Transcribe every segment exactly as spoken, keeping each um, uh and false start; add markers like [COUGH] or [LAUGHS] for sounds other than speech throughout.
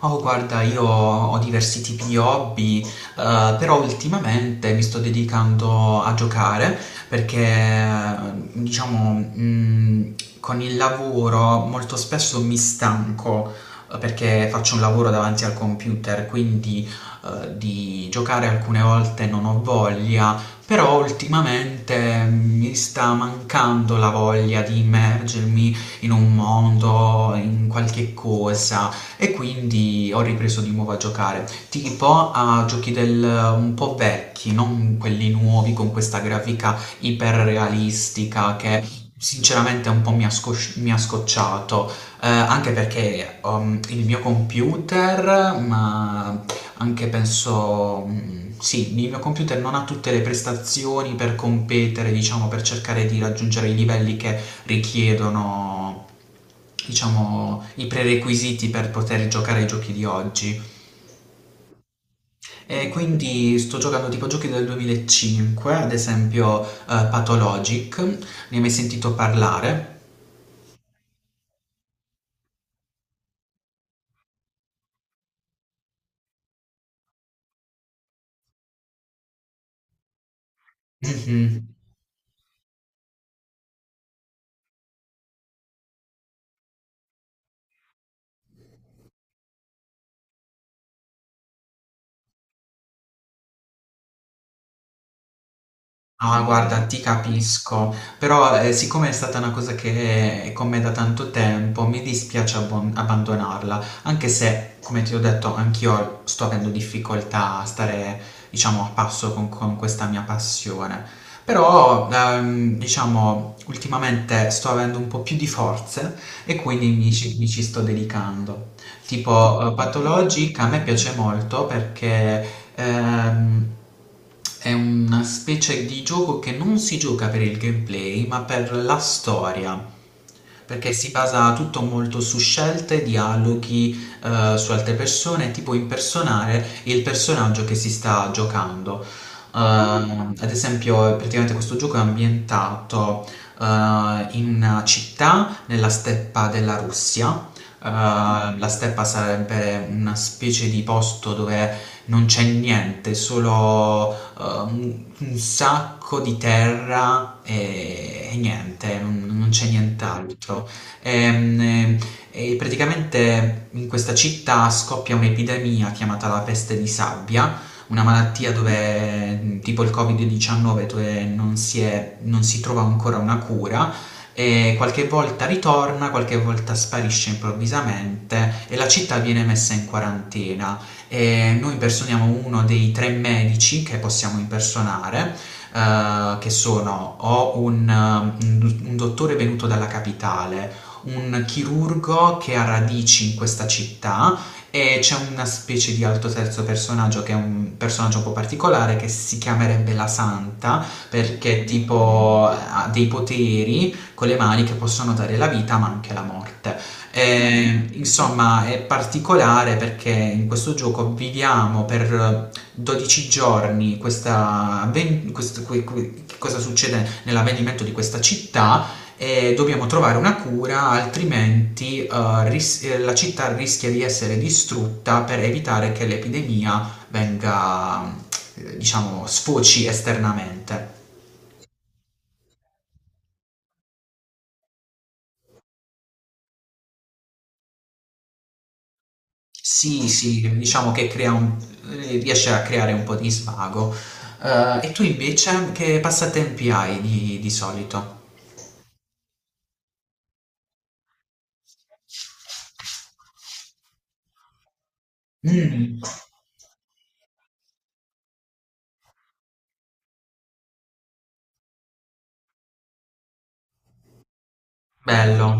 Oh, guarda, io ho diversi tipi di hobby, eh, però ultimamente mi sto dedicando a giocare perché, diciamo, mh, con il lavoro molto spesso mi stanco eh, perché faccio un lavoro davanti al computer, quindi eh, di giocare alcune volte non ho voglia, però ultimamente mi sta mancando la voglia di immergermi in un mondo, in qualche cosa e quindi ho ripreso di nuovo a giocare, tipo a giochi del, un po' vecchi, non quelli nuovi con questa grafica iperrealistica che sinceramente un po' mi ha, scosci- mi ha scocciato, eh, anche perché um, il mio computer, ma anche penso, mm, sì, il mio computer non ha tutte le prestazioni per competere, diciamo, per cercare di raggiungere i livelli che richiedono diciamo i prerequisiti per poter giocare ai giochi di oggi e quindi sto giocando tipo giochi del duemilacinque ad esempio, eh, Pathologic ne hai mai sentito parlare? Mhm. Ah, guarda, ti capisco, però eh, siccome è stata una cosa che è con me da tanto tempo, mi dispiace abbon- abbandonarla, anche se, come ti ho detto, anch'io sto avendo difficoltà a stare, diciamo, a passo con, con questa mia passione. Però, ehm, diciamo, ultimamente sto avendo un po' più di forze e quindi mi ci mi ci sto dedicando tipo eh, Pathologic a me piace molto perché ehm, è una specie di gioco che non si gioca per il gameplay, ma per la storia. Perché si basa tutto molto su scelte, dialoghi, eh, su altre persone, tipo impersonare il personaggio che si sta giocando. Ehm, ad esempio, praticamente questo gioco è ambientato eh, in una città nella steppa della Russia. Uh, la steppa sarebbe una specie di posto dove non c'è niente, solo uh, un, un sacco di terra e, e niente, non, non c'è nient'altro. Ehm, E, e praticamente in questa città scoppia un'epidemia chiamata la peste di sabbia, una malattia dove, tipo il Covid diciannove, dove non si è- non si trova ancora una cura e qualche volta ritorna, qualche volta sparisce improvvisamente e la città viene messa in quarantena. E noi impersoniamo uno dei tre medici che possiamo impersonare, eh, che sono o un, un- un dottore venuto dalla capitale, un chirurgo che ha radici in questa città e c'è una specie di alto terzo personaggio che è un personaggio un po' particolare che si chiamerebbe la Santa perché tipo ha dei poteri con le mani che possono dare la vita ma anche la morte. E, insomma, è particolare perché in questo gioco viviamo per dodici giorni questa, avven- questo- que- que- che cosa succede nell'avvenimento di questa città e dobbiamo trovare una cura, altrimenti eh, ris- eh, la città rischia di essere distrutta per evitare che l'epidemia venga, eh, diciamo, sfoci esternamente. Sì, sì, diciamo che crea un ehm, riesce a creare un po' di svago. Ehm, e tu invece che passatempi hai di di solito? Mh, bello.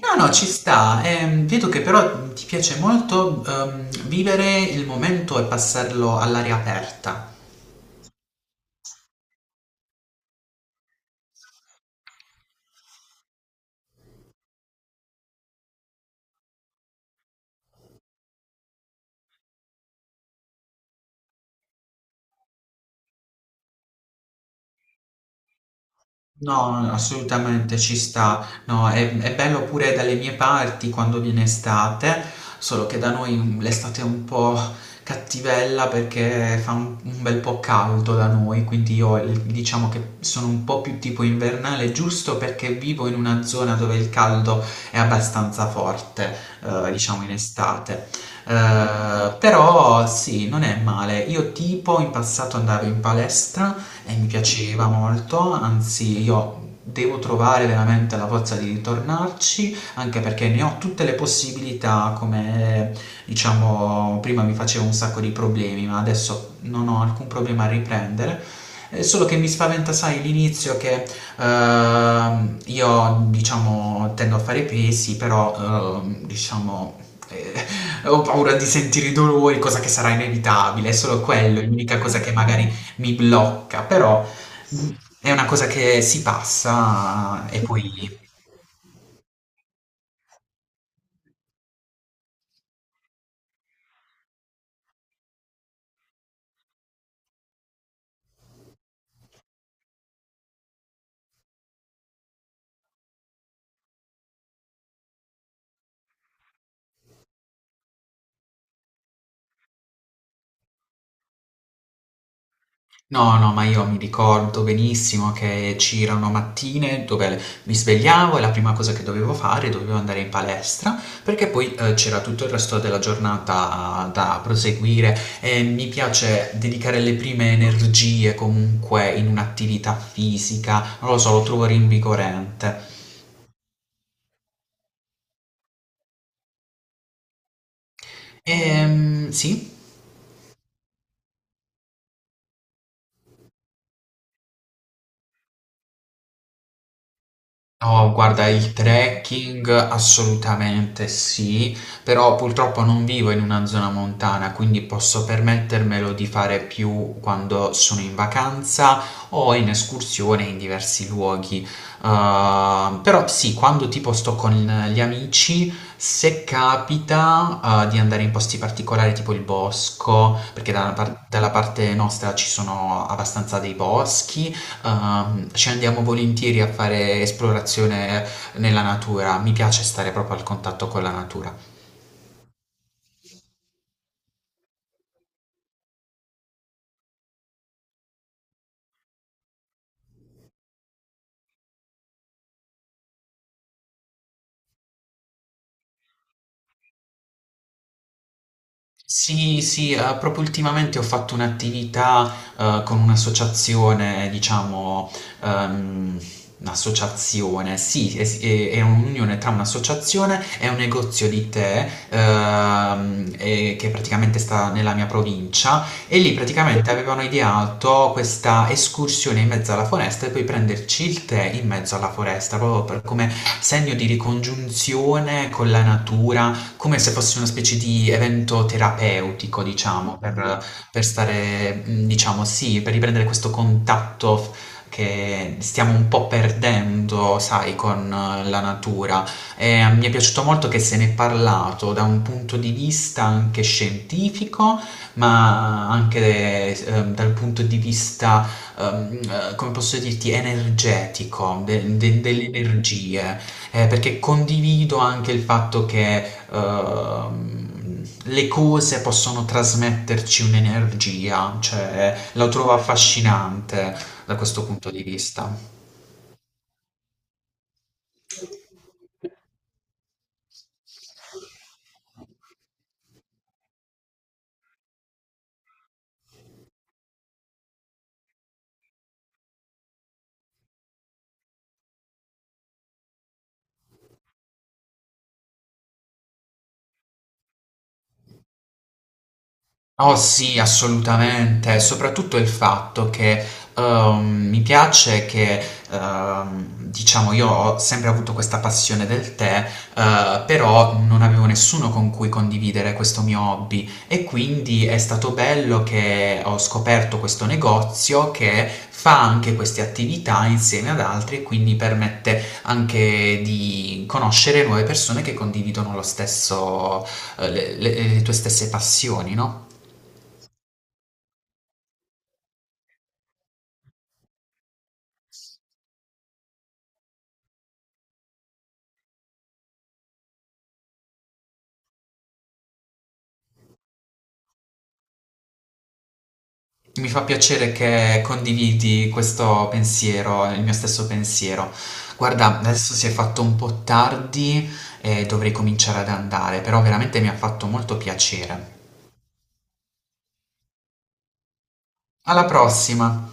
No, no, ci sta. Ehm, vedo che però ti piace molto, uhm, vivere il momento e passarlo all'aria aperta. No, no, no, assolutamente ci sta. No, è, è bello pure dalle mie parti quando viene estate, solo che da noi l'estate è un po' cattivella perché fa un, un bel po' caldo da noi, quindi io il- diciamo che sono un po' più tipo invernale, giusto perché vivo in una zona dove il caldo è abbastanza forte, eh, diciamo in estate. Eh, però sì, non è male. Io tipo in passato andavo in palestra e mi piaceva molto, anzi io devo trovare veramente la forza di ritornarci, anche perché ne ho tutte le possibilità, come diciamo prima mi facevo un sacco di problemi, ma adesso non ho alcun problema a riprendere. Eh, Solo che mi spaventa, sai, l'inizio che ehm, io, diciamo, tendo a fare pesi, però, ehm, diciamo, eh, [LAUGHS] ho paura di sentire i dolori, cosa che sarà inevitabile, è solo quello, l'unica cosa che magari mi blocca, però è una cosa che si passa e poi... No, no, ma io mi ricordo benissimo che c'erano mattine dove mi svegliavo e la prima cosa che dovevo fare dovevo andare in palestra perché poi eh, c'era tutto il resto della giornata da proseguire e mi piace dedicare le prime energie comunque in un'attività fisica, non lo so, lo trovo rinvigorente. Ehm, sì. No, guarda, il trekking assolutamente sì, però purtroppo non vivo in una zona montana, quindi posso permettermelo di fare più quando sono in vacanza o in escursione in diversi luoghi. Uh, però sì, quando tipo sto con gli amici, se capita, uh, di andare in posti particolari tipo il bosco, perché dalla par- dalla parte nostra ci sono abbastanza dei boschi, ehm, ci andiamo volentieri a fare esplorazione nella natura, mi piace stare proprio al contatto con la natura. Sì, sì, eh, proprio ultimamente ho fatto un'attività eh, con un'associazione, diciamo, ehm, un'associazione, sì, es- è, è un'unione tra un'associazione e un negozio di tè, ehm, e- che praticamente sta nella mia provincia e lì praticamente avevano ideato questa escursione in mezzo alla foresta e poi prenderci il tè in mezzo alla foresta, proprio per- come segno di ricongiunzione con la natura, come se fosse una specie di evento terapeutico, diciamo, per per stare, mhmm, diciamo sì, per riprendere questo contatto f che stiamo un po' perdendo, sai, con eh, la natura. Ehm, mi è piaciuto molto che se n'è parlato da un punto di vista anche scientifico, ma anche s ehm, dal punto di vista, ehm, eh, come posso dirti, energetico, de de delle energie, eh, perché condivido anche il fatto che ehm, le cose possono trasmetterci un'energia, cioè la trovo affascinante da questo punto di vista. Oh sì, assolutamente, soprattutto il fatto che ehm, mi piace che, ehm, diciamo, io ho sempre avuto questa passione del tè, eh, però non avevo nessuno con cui condividere questo mio hobby e quindi è stato bello che ho scoperto questo negozio che fa anche queste attività insieme ad altri e quindi permette anche di conoscere nuove persone che condividono lo stesso, eh, le le- le tue stesse passioni, no? Mi fa piacere che condividi questo pensiero, il mio stesso pensiero. Guarda, adesso si è fatto un po' tardi e dovrei cominciare ad andare, però veramente mi ha fatto molto piacere. Alla prossima!